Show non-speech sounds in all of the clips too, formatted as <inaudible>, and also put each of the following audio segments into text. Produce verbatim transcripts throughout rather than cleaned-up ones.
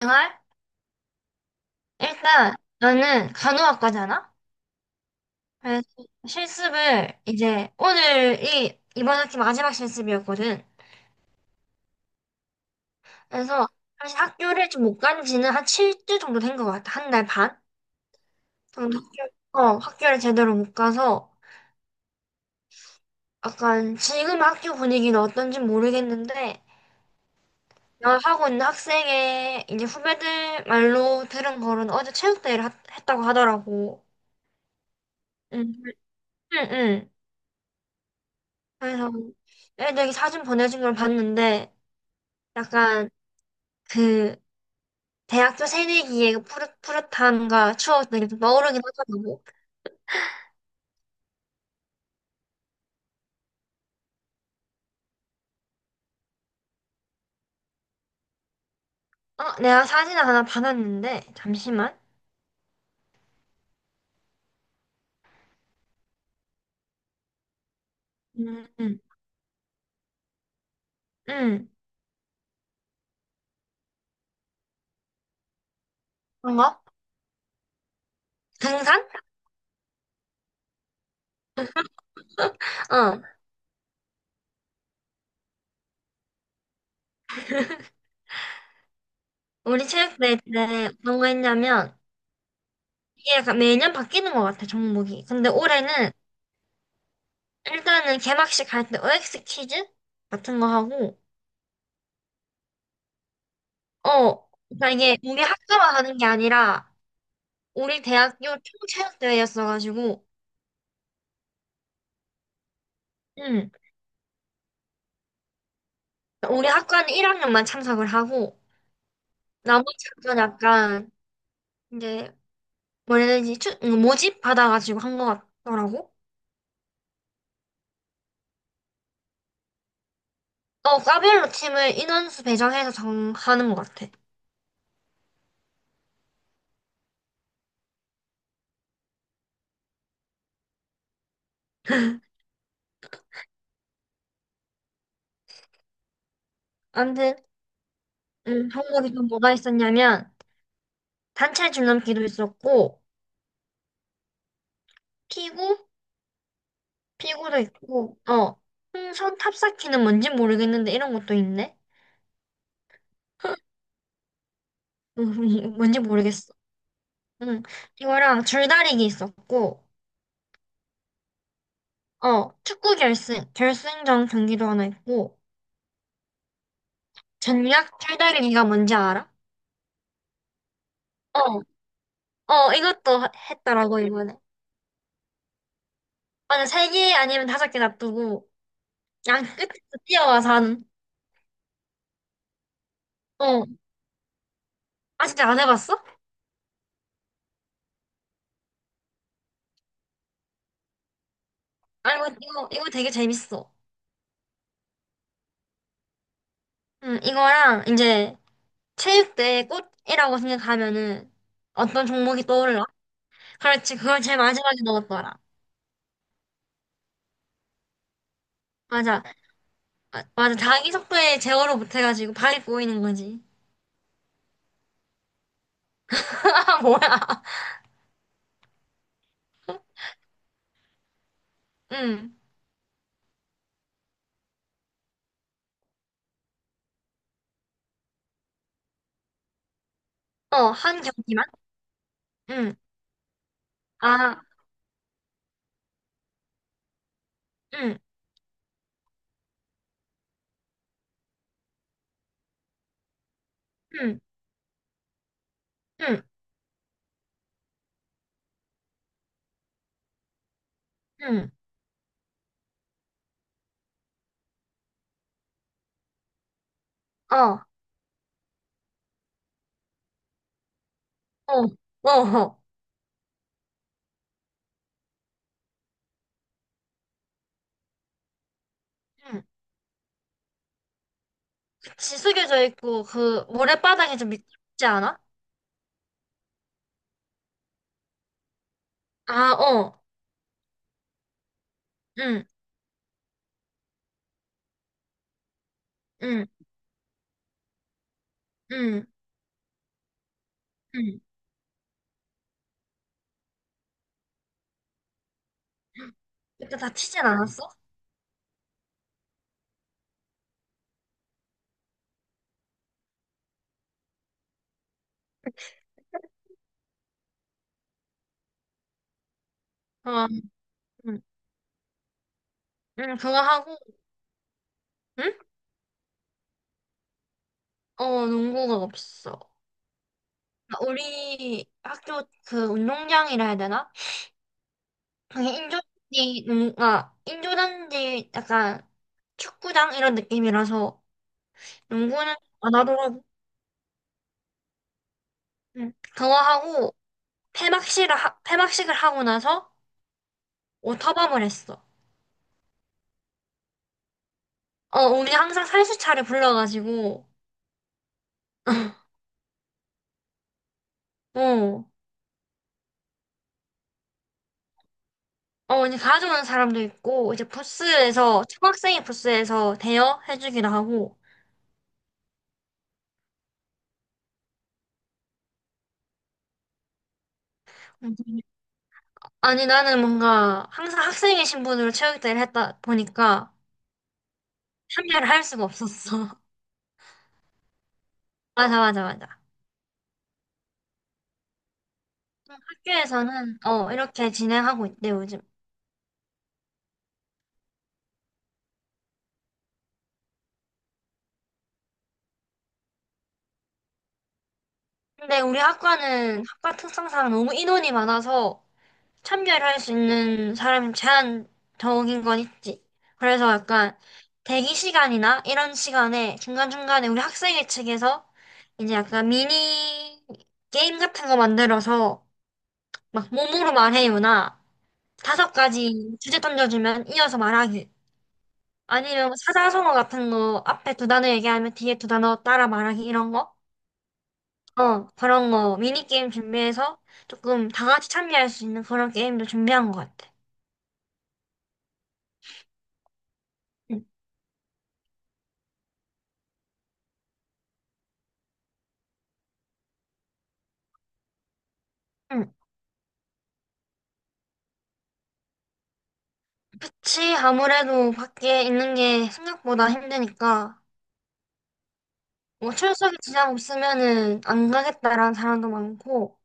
생활. 일단 나는 간호학과잖아? 그래서 실습을 이제 오늘이 이번 학기 마지막 실습이었거든. 그래서 사실 학교를 좀 못 간 지는 한 칠 주 정도 된 것 같아. 한 달 반 정도 학교, 어, 학교를 제대로 못 가서 약간 지금 학교 분위기는 어떤지 모르겠는데, 내가 하고 있는 학생의 이제 후배들 말로 들은 거는 어제 체육대회를 하- 했다고 하더라고. 응, 응, 응. 그래서 애들이 사진 보내준 걸 봤는데 약간 그 대학교 새내기의 그 푸릇, 푸릇함과 추억들이 좀 떠오르긴 하더라고. 어, 내가 사진을 하나 받았는데 잠시만. 음, 음, 음. 그런가? 등산? 어. 우리 체육대회 때 어떤 거 했냐면, 이게 약간 매년 바뀌는 것 같아 종목이. 근데 올해는 일단은 개막식 할 때 오엑스 퀴즈 같은 거 하고. 어. 그러니까 이게 우리 학교만 하는 게 아니라 우리 대학교 총체육대회였어가지고, 응, 우리 학과는 일 학년만 참석을 하고, 나머지 학교는 약간, 이제, 뭐라 해야 되지, 추- 음, 모집 받아가지고 한 것 같더라고. 어, 과별로 팀을 인원수 배정해서 정하는 것 같아. 아무튼, 음, 종목이 또 뭐가 있었냐면, 단체 줄넘기도 있었고, 피구? 피구도 있고, 어, 풍선 탑쌓기는 뭔지 모르겠는데, 이런 것도 있네? 음, <laughs> 뭔지 모르겠어. 응. 이거랑 줄다리기 있었고, 어, 축구 결승, 결승전 경기도 하나 있고, 전략 줄다리기가 뭔지 알아? 어, 어, 이것도 하- 했더라고, 이번에. 맞아, 세 개 아니면 다섯 개 놔두고, 양 끝에서 뛰어와서 하는, 어. 아, 진짜 안 해봤어? 아, 이거, 이거, 이거 되게 재밌어. 음, 이거랑 이제 체육대회 꽃이라고 생각하면은 어떤 종목이 떠올라? 그렇지, 그걸 제일 마지막에 넣었더라. 맞아, 아, 맞아. 자기 속도에 제어를 못해가지고 발이 꼬이는 거지. <laughs> 뭐야. 응. 어, 한 경기만? 응. 아, 응, 응, 응, 응. 어, 어, 어, 어. 응. 지숙여져 있고, 그, 모래바닥이 좀 미끄럽지 않아? 아, 어. 응, 응, 응, 응. 그때 다 튀진 않았어? 어, 응, 응, 응, 그거 하고, 응? 어, 농구가 없어. 아, 우리 학교 그 운동장이라 해야 되나? 그게 인조잔디, 농, 아, 인조잔디 약간 축구장 이런 느낌이라서 농구는 안 하더라고. 응. 그거 하고 패막식을 하, 패막식을 하고 나서 오터밤을 했어. 어, 우리 항상 살수차를 불러가지고. 어, 어, 이제 가져오는 사람도 있고 이제 부스에서 초등학생이 부스에서 대여해주기도 하고. 음. 아니 나는 뭔가 항상 학생의 신분으로 체육대회를 했다 보니까 참여를 할 수가 없었어. <laughs> 맞아, 맞아, 맞아. 학교에서는 어 이렇게 진행하고 있대 요즘. 근데 우리 학과는 학과 특성상 너무 인원이 많아서 참여를 할 수 있는 사람이 제한적인 건 있지. 그래서 약간 대기 시간이나 이런 시간에 중간중간에 우리 학생회 측에서 이제 약간 미니 게임 같은 거 만들어서 막 몸으로 말해요나 다섯 가지 주제 던져주면 이어서 말하기. 아니면 사자성어 같은 거 앞에 두 단어 얘기하면 뒤에 두 단어 따라 말하기 이런 거. 어, 그런 거 미니게임 준비해서 조금 다 같이 참여할 수 있는 그런 게임도 준비한 것 같아. 응. 응. 그치, 아무래도 밖에 있는 게 생각보다 힘드니까, 뭐 출석에 지장 없으면은 안 가겠다라는 사람도 많고,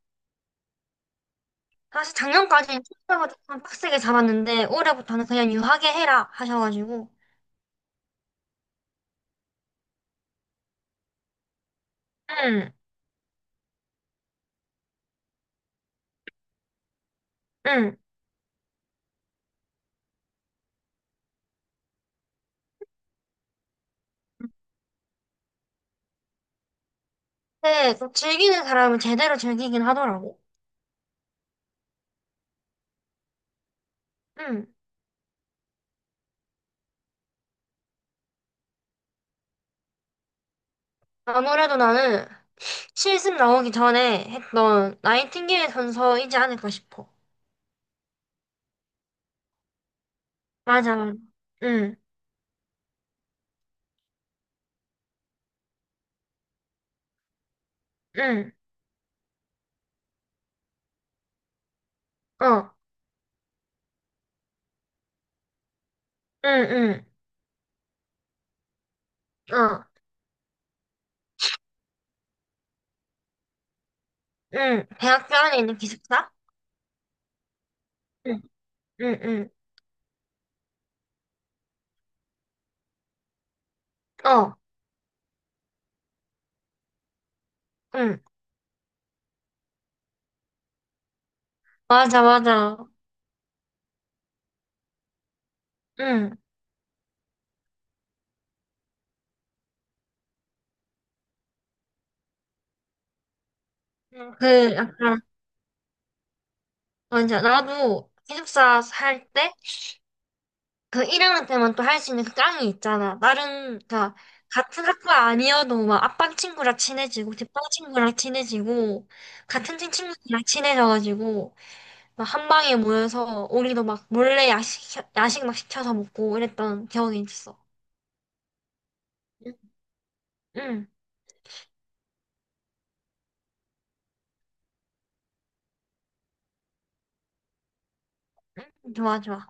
사실 작년까지는 출석을 조금 빡세게 잡았는데, 올해부터는 그냥 유하게 해라 하셔가지고, 응, 응. 근데 또 즐기는 사람은 제대로 즐기긴 하더라고. 응. 아무래도 나는 실습 나오기 전에 했던 나이팅게일 선서이지 않을까 싶어. 맞아. 응, 응, 어, 응, 응, 어, 응. 대학교 안에 있는 기숙사? 응, 응, 응, 어, 응. 맞아, 맞아. 응. 응, 그, 약간, 맞아. 나도 기숙사 살 때, 그 일 학년 때만 또 할 수 있는 그 깡이 있잖아. 나름, 그니까, 같은 학과 아니어도 막 앞방 친구랑 친해지고, 뒷방 친구랑 친해지고, 같은 친 친구랑 친해져가지고, 막 한 방에 모여서, 우리도 막 몰래 야식, 야식 막 시켜서 먹고 이랬던 기억이 있어. 응, 응, 좋아, 좋아.